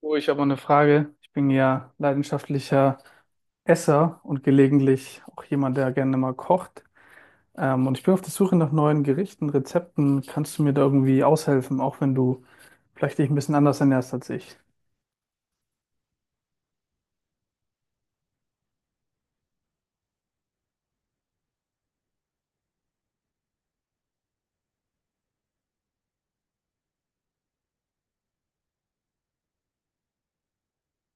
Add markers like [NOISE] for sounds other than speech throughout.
Oh, ich habe mal eine Frage. Ich bin ja leidenschaftlicher Esser und gelegentlich auch jemand, der gerne mal kocht. Und ich bin auf der Suche nach neuen Gerichten, Rezepten. Kannst du mir da irgendwie aushelfen, auch wenn du vielleicht dich ein bisschen anders ernährst als ich?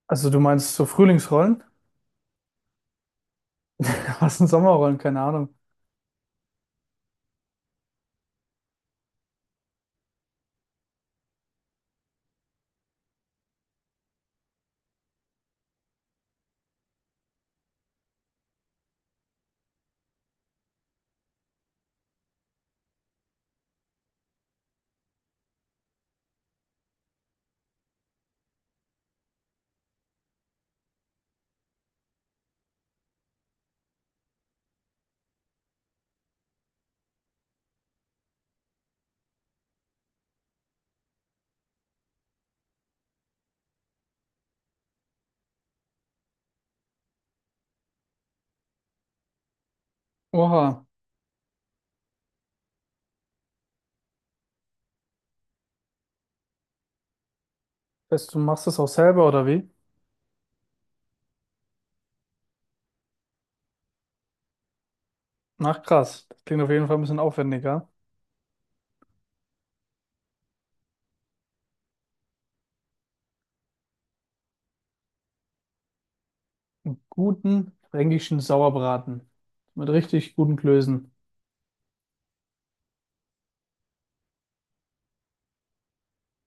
Also du meinst so Frühlingsrollen? [LAUGHS] Was sind Sommerrollen? Keine Ahnung. Oha, weißt du, machst das auch selber oder wie? Ach krass, das klingt auf jeden Fall ein bisschen aufwendiger. Einen guten fränkischen Sauerbraten mit richtig guten Klößen.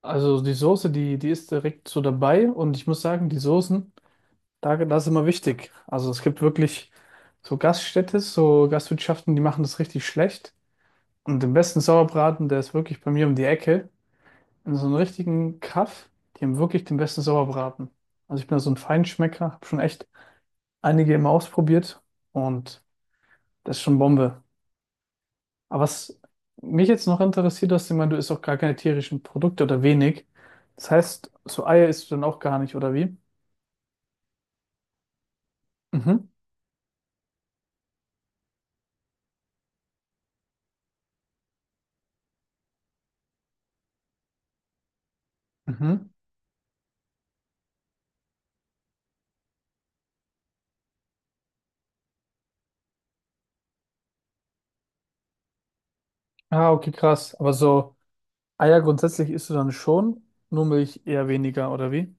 Also die Soße, die ist direkt so dabei und ich muss sagen, die Soßen, da, das ist immer wichtig. Also es gibt wirklich so Gaststätte, so Gastwirtschaften, die machen das richtig schlecht. Und den besten Sauerbraten, der ist wirklich bei mir um die Ecke. In so einem richtigen Kaff, die haben wirklich den besten Sauerbraten. Also ich bin da so ein Feinschmecker, habe schon echt einige immer ausprobiert und das ist schon Bombe. Aber was mich jetzt noch interessiert, dass du meinst, du isst auch gar keine tierischen Produkte oder wenig. Das heißt, so Eier isst du dann auch gar nicht, oder wie? Mhm. Mhm. Ah, okay, krass. Aber so Eier grundsätzlich isst du dann schon, nur Milch eher weniger, oder wie?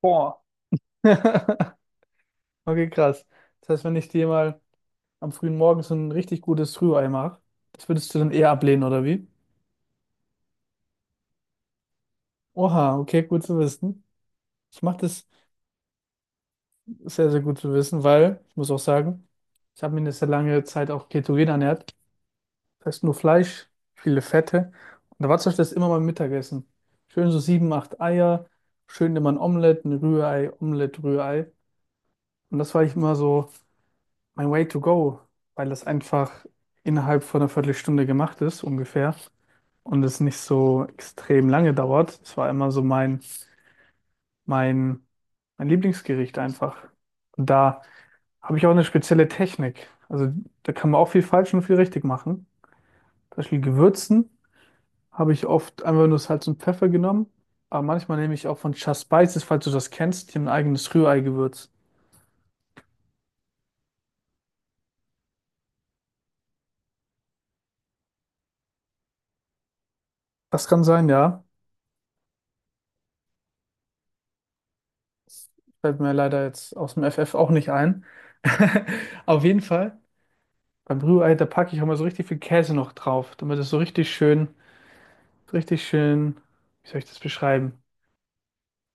Boah. [LAUGHS] Okay, krass. Das heißt, wenn ich dir mal am frühen Morgen so ein richtig gutes Rührei mache, das würdest du dann eher ablehnen, oder wie? Oha, okay, gut zu wissen. Ich mache das sehr, sehr gut zu wissen, weil ich muss auch sagen, ich habe mich eine sehr lange Zeit auch ketogen ernährt. Das heißt nur Fleisch, viele Fette. Und da war zum Beispiel das immer mein Mittagessen. Schön so 7, 8 Eier, schön immer ein Omelett, ein Rührei, Omelett, Rührei. Und das war ich immer so mein Way to go, weil das einfach innerhalb von einer Viertelstunde gemacht ist, ungefähr. Und es nicht so extrem lange dauert. Es war immer so mein, mein Lieblingsgericht einfach. Und da habe ich auch eine spezielle Technik. Also da kann man auch viel falsch und viel richtig machen. Zum Beispiel Gewürzen. Habe ich oft einfach nur Salz und Pfeffer genommen. Aber manchmal nehme ich auch von Just Spices, falls du das kennst, hier ein eigenes Rührei-Gewürz. Das kann sein, ja. Das fällt mir leider jetzt aus dem FF auch nicht ein. [LAUGHS] Auf jeden Fall, beim Rührei, da packe ich auch mal so richtig viel Käse noch drauf, damit es so richtig schön, wie soll ich das beschreiben?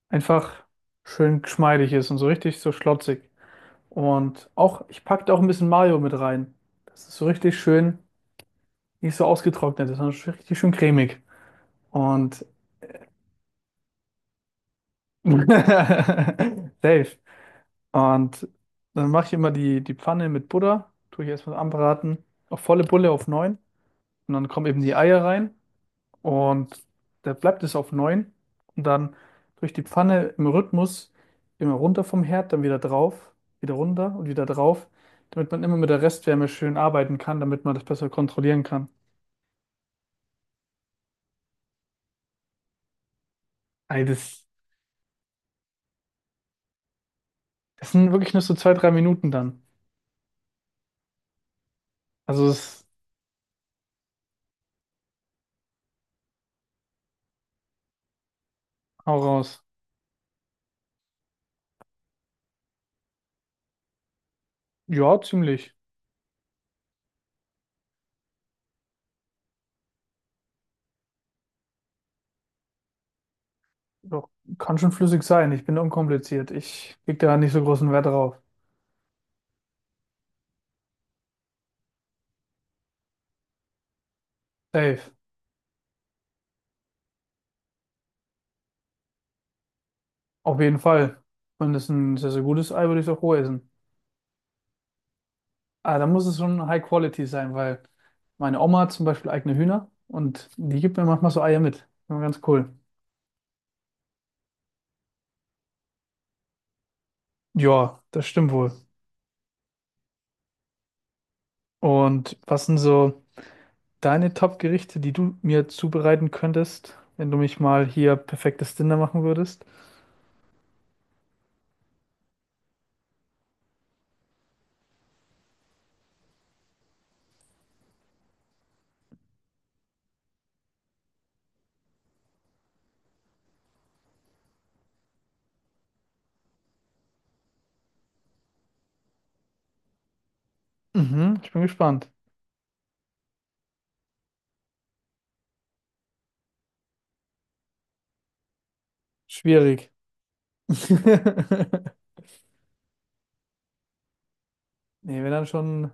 Einfach schön geschmeidig ist und so richtig so schlotzig. Und auch, ich packe da auch ein bisschen Mayo mit rein. Das ist so richtig schön, nicht so ausgetrocknet, ist, sondern richtig schön cremig. Und [LAUGHS] safe. Und dann mache ich immer die Pfanne mit Butter, tue ich erstmal anbraten, auf volle Bulle auf neun. Und dann kommen eben die Eier rein und da bleibt es auf neun. Und dann durch die Pfanne im Rhythmus immer runter vom Herd, dann wieder drauf, wieder runter und wieder drauf, damit man immer mit der Restwärme schön arbeiten kann, damit man das besser kontrollieren kann. Ey, das sind wirklich nur so 2, 3 Minuten dann. Also es Hau raus. Ja, ziemlich. Doch, kann schon flüssig sein. Ich bin unkompliziert. Ich leg da nicht so großen Wert drauf. Safe. Auf jeden Fall. Wenn das ein sehr, sehr gutes Ei, würde ich es auch roh essen. Aber dann muss es schon High Quality sein, weil meine Oma hat zum Beispiel eigene Hühner und die gibt mir manchmal so Eier mit. Ja, ganz cool. Ja, das stimmt wohl. Und was sind so deine Top-Gerichte, die du mir zubereiten könntest, wenn du mich mal hier perfektes Dinner machen würdest? Mhm, ich bin gespannt. Schwierig. [LAUGHS] Nee, wenn dann schon.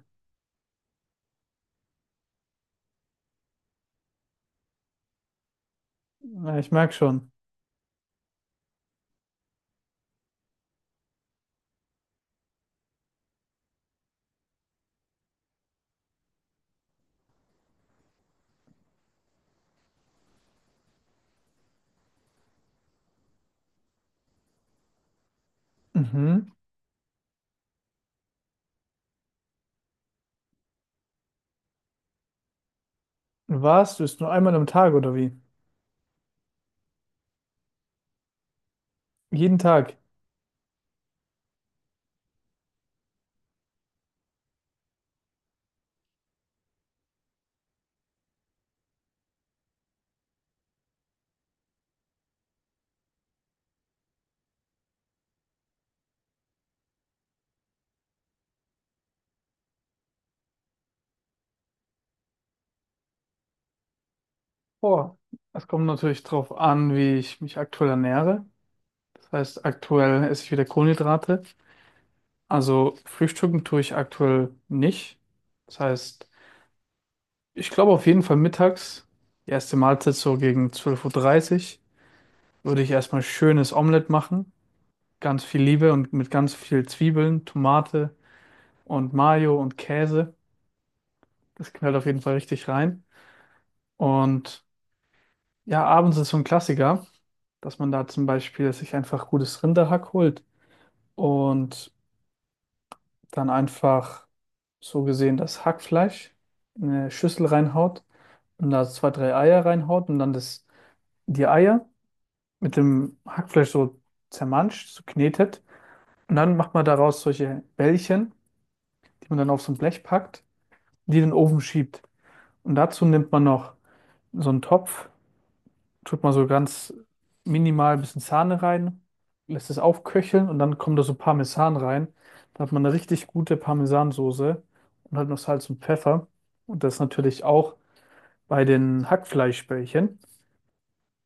Na, ich merke schon. Mhm. Was? Du isst nur einmal am Tag oder wie? Jeden Tag. Boah, es kommt natürlich drauf an, wie ich mich aktuell ernähre. Das heißt, aktuell esse ich wieder Kohlenhydrate. Also frühstücken tue ich aktuell nicht. Das heißt, ich glaube auf jeden Fall mittags, die erste Mahlzeit so gegen 12:30 Uhr, dreißig, würde ich erstmal schönes Omelett machen. Ganz viel Liebe und mit ganz viel Zwiebeln, Tomate und Mayo und Käse. Das knallt auf jeden Fall richtig rein. Und ja, abends ist so ein Klassiker, dass man da zum Beispiel sich einfach gutes Rinderhack holt und dann einfach so gesehen das Hackfleisch in eine Schüssel reinhaut und da 2, 3 Eier reinhaut und dann das, die Eier mit dem Hackfleisch so zermanscht, so knetet. Und dann macht man daraus solche Bällchen, die man dann auf so ein Blech packt, die in den Ofen schiebt. Und dazu nimmt man noch so einen Topf, tut man so ganz minimal ein bisschen Sahne rein, lässt es aufköcheln und dann kommt da so Parmesan rein. Da hat man eine richtig gute Parmesansoße und halt noch Salz und Pfeffer. Und das natürlich auch bei den Hackfleischbällchen.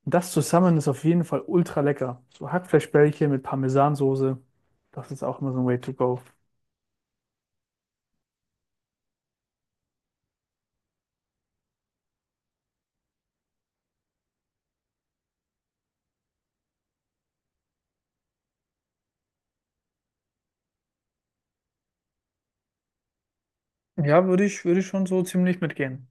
Das zusammen ist auf jeden Fall ultra lecker. So Hackfleischbällchen mit Parmesansoße, das ist auch immer so ein Way to go. Ja, würde ich schon so ziemlich mitgehen.